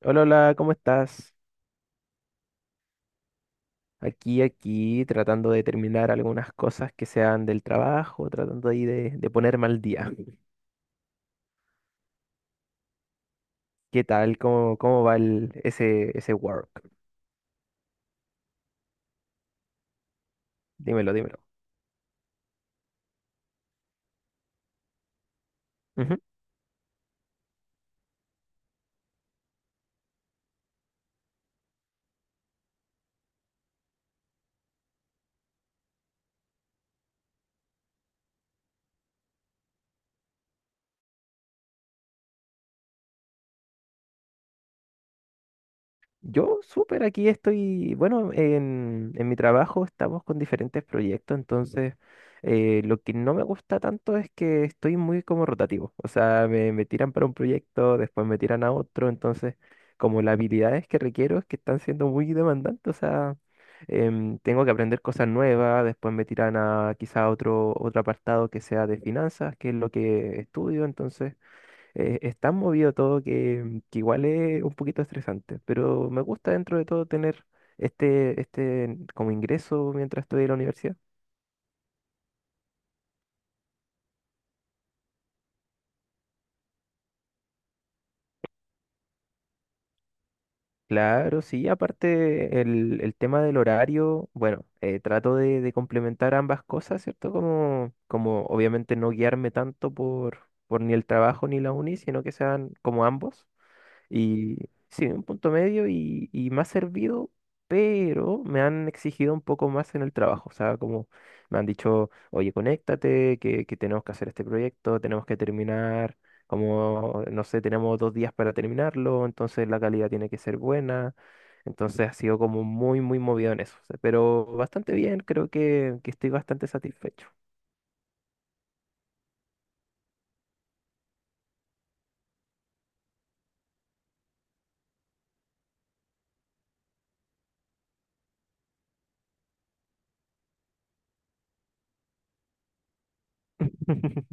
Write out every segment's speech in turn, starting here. Hola, hola, ¿cómo estás? Aquí, aquí, tratando de terminar algunas cosas que sean del trabajo, tratando ahí de ponerme al día. ¿Qué tal? ¿Cómo va ese work? Dímelo, dímelo. Yo súper aquí estoy, bueno, en mi trabajo estamos con diferentes proyectos, entonces lo que no me gusta tanto es que estoy muy como rotativo, o sea, me tiran para un proyecto, después me tiran a otro, entonces como las habilidades que requiero es que están siendo muy demandantes, o sea, tengo que aprender cosas nuevas, después me tiran a quizá otro apartado que sea de finanzas, que es lo que estudio, entonces es tan movido todo que igual es un poquito estresante, pero me gusta dentro de todo tener este como ingreso mientras estoy en la universidad. Claro, sí, aparte el tema del horario, bueno, trato de complementar ambas cosas, ¿cierto? Como obviamente no guiarme tanto por ni el trabajo ni la uni, sino que sean como ambos. Y sí, un punto medio y me ha servido, pero me han exigido un poco más en el trabajo. O sea, como me han dicho, oye, conéctate, que tenemos que hacer este proyecto, tenemos que terminar, como, no sé, tenemos dos días para terminarlo, entonces la calidad tiene que ser buena. Entonces ha sido como muy, muy movido en eso. O sea, pero bastante bien, creo que estoy bastante satisfecho.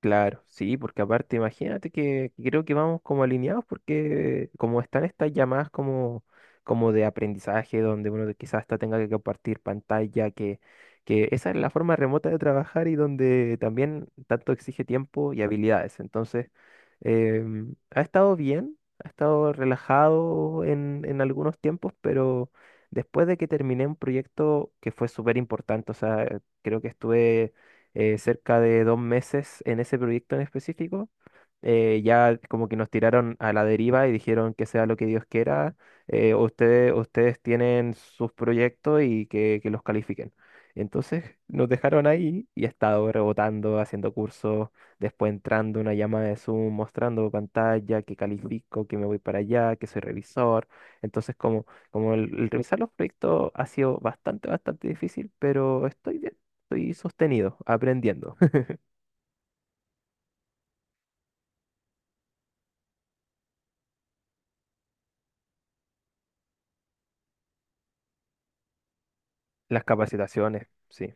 Claro, sí, porque aparte imagínate que creo que vamos como alineados porque como están estas llamadas como, como de aprendizaje donde uno quizás hasta tenga que compartir pantalla, que esa es la forma remota de trabajar y donde también tanto exige tiempo y habilidades. Entonces, ha estado bien, ha estado relajado en algunos tiempos, pero después de que terminé un proyecto que fue súper importante, o sea, creo que estuve cerca de dos meses en ese proyecto en específico. Ya como que nos tiraron a la deriva y dijeron que sea lo que Dios quiera, ustedes tienen sus proyectos y que los califiquen. Entonces nos dejaron ahí y he estado rebotando, haciendo cursos, después entrando una llamada de Zoom, mostrando pantalla, que califico, que me voy para allá, que soy revisor. Entonces como, como el revisar los proyectos ha sido bastante, bastante difícil, pero estoy bien. Estoy sostenido, aprendiendo. Las capacitaciones, sí.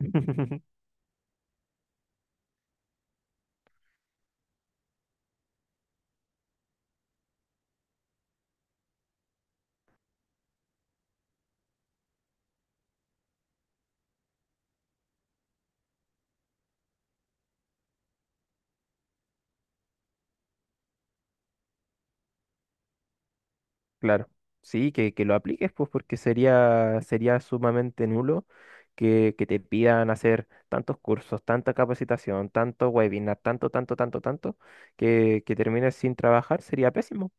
Claro. Sí, que lo apliques, pues, porque sería, sería sumamente nulo que te pidan hacer tantos cursos, tanta capacitación, tanto webinar, tanto, tanto, tanto, tanto, que termines sin trabajar, sería pésimo.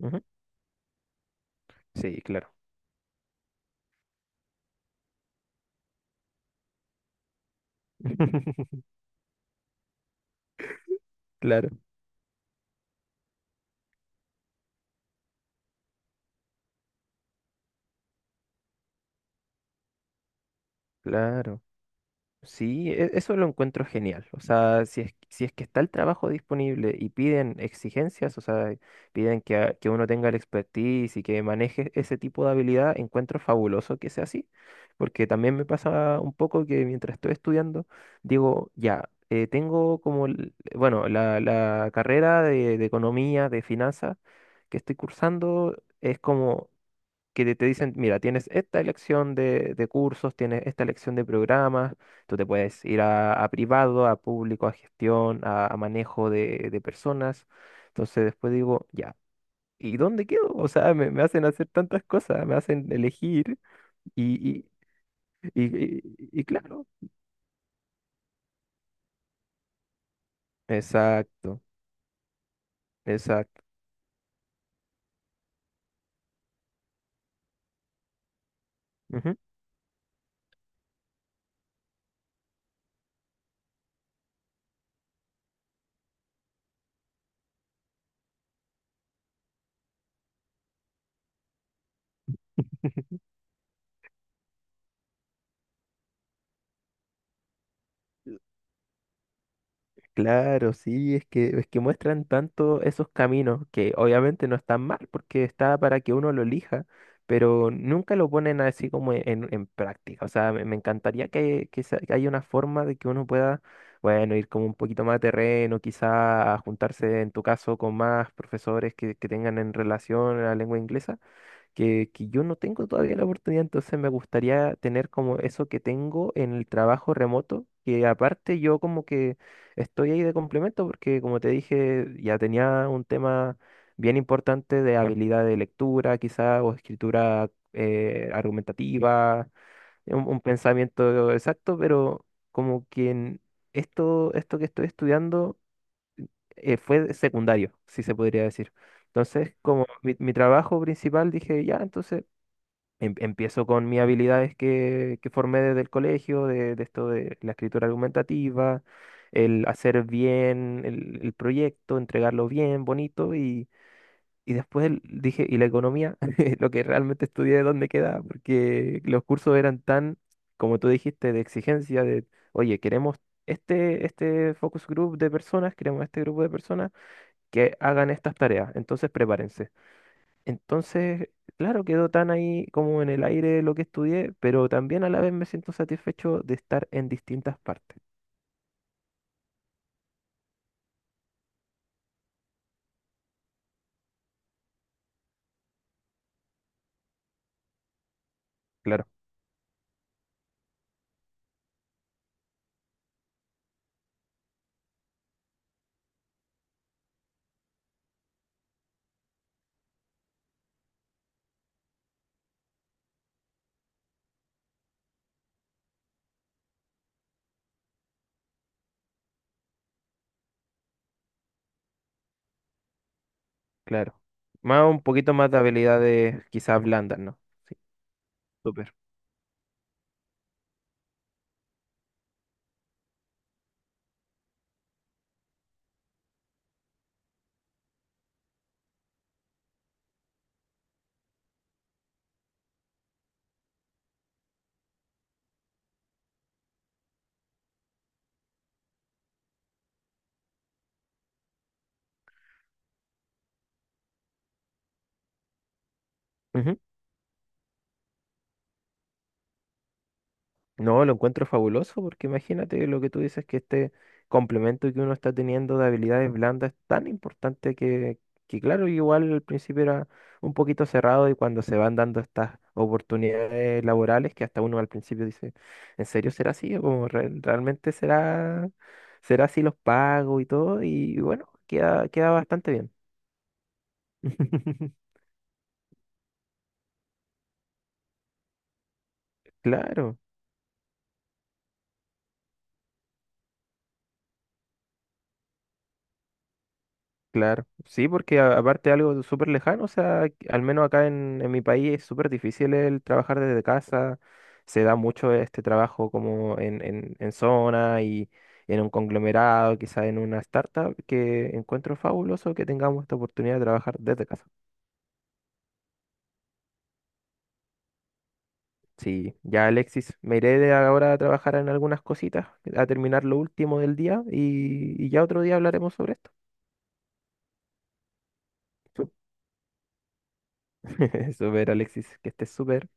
Ujú. Sí, claro. Claro, claro. Sí, eso lo encuentro genial. O sea, si es que está el trabajo disponible y piden exigencias, o sea, piden que uno tenga el expertise y que maneje ese tipo de habilidad, encuentro fabuloso que sea así, porque también me pasa un poco que mientras estoy estudiando, digo, ya, tengo como, bueno, la carrera de economía, de finanzas que estoy cursando es como que te dicen, mira, tienes esta elección de cursos, tienes esta elección de programas, tú te puedes ir a privado, a público, a gestión, a manejo de personas. Entonces después digo, ya, ¿y dónde quedo? O sea, me hacen hacer tantas cosas, me hacen elegir y, y, y, y- y claro. Exacto, exacto. Claro, sí, es que muestran tanto esos caminos que obviamente no están mal porque está para que uno lo elija, pero nunca lo ponen así como en práctica. O sea, me encantaría que haya una forma de que uno pueda, bueno, ir como un poquito más a terreno, quizá a juntarse en tu caso con más profesores que tengan en relación a la lengua inglesa que yo no tengo todavía la oportunidad, entonces me gustaría tener como eso que tengo en el trabajo remoto, que aparte yo como que estoy ahí de complemento, porque como te dije, ya tenía un tema bien importante de habilidad de lectura, quizá, o escritura argumentativa, un pensamiento exacto, pero como que en esto que estoy estudiando fue secundario, si se podría decir. Entonces, como mi trabajo principal, dije, ya, entonces empiezo con mis habilidades que formé desde el colegio, de esto de la escritura argumentativa, el hacer bien el proyecto, entregarlo bien, bonito, y después dije, y la economía, lo que realmente estudié, ¿dónde queda? Porque los cursos eran tan, como tú dijiste, de exigencia, de, oye, queremos... Este focus group de personas, queremos este grupo de personas que hagan estas tareas, entonces prepárense. Entonces, claro, quedó tan ahí como en el aire lo que estudié, pero también a la vez me siento satisfecho de estar en distintas partes. Claro, claro. Más un poquito más de habilidades quizás blandas, ¿no? Súper. No, lo encuentro fabuloso porque imagínate lo que tú dices, que este complemento que uno está teniendo de habilidades blandas es tan importante que claro, igual al principio era un poquito cerrado y cuando se van dando estas oportunidades laborales que hasta uno al principio dice, ¿en serio será así? ¿O como realmente será, será así los pagos y todo? Y bueno, queda, queda bastante bien. Claro. Claro, sí, porque aparte algo súper lejano, o sea, al menos acá en mi país es súper difícil el trabajar desde casa, se da mucho este trabajo como en zona y en un conglomerado, quizá en una startup, que encuentro fabuloso que tengamos esta oportunidad de trabajar desde casa. Sí, ya Alexis, me iré de ahora a trabajar en algunas cositas, a terminar lo último del día y ya otro día hablaremos sobre esto. Súper Alexis, que estés súper.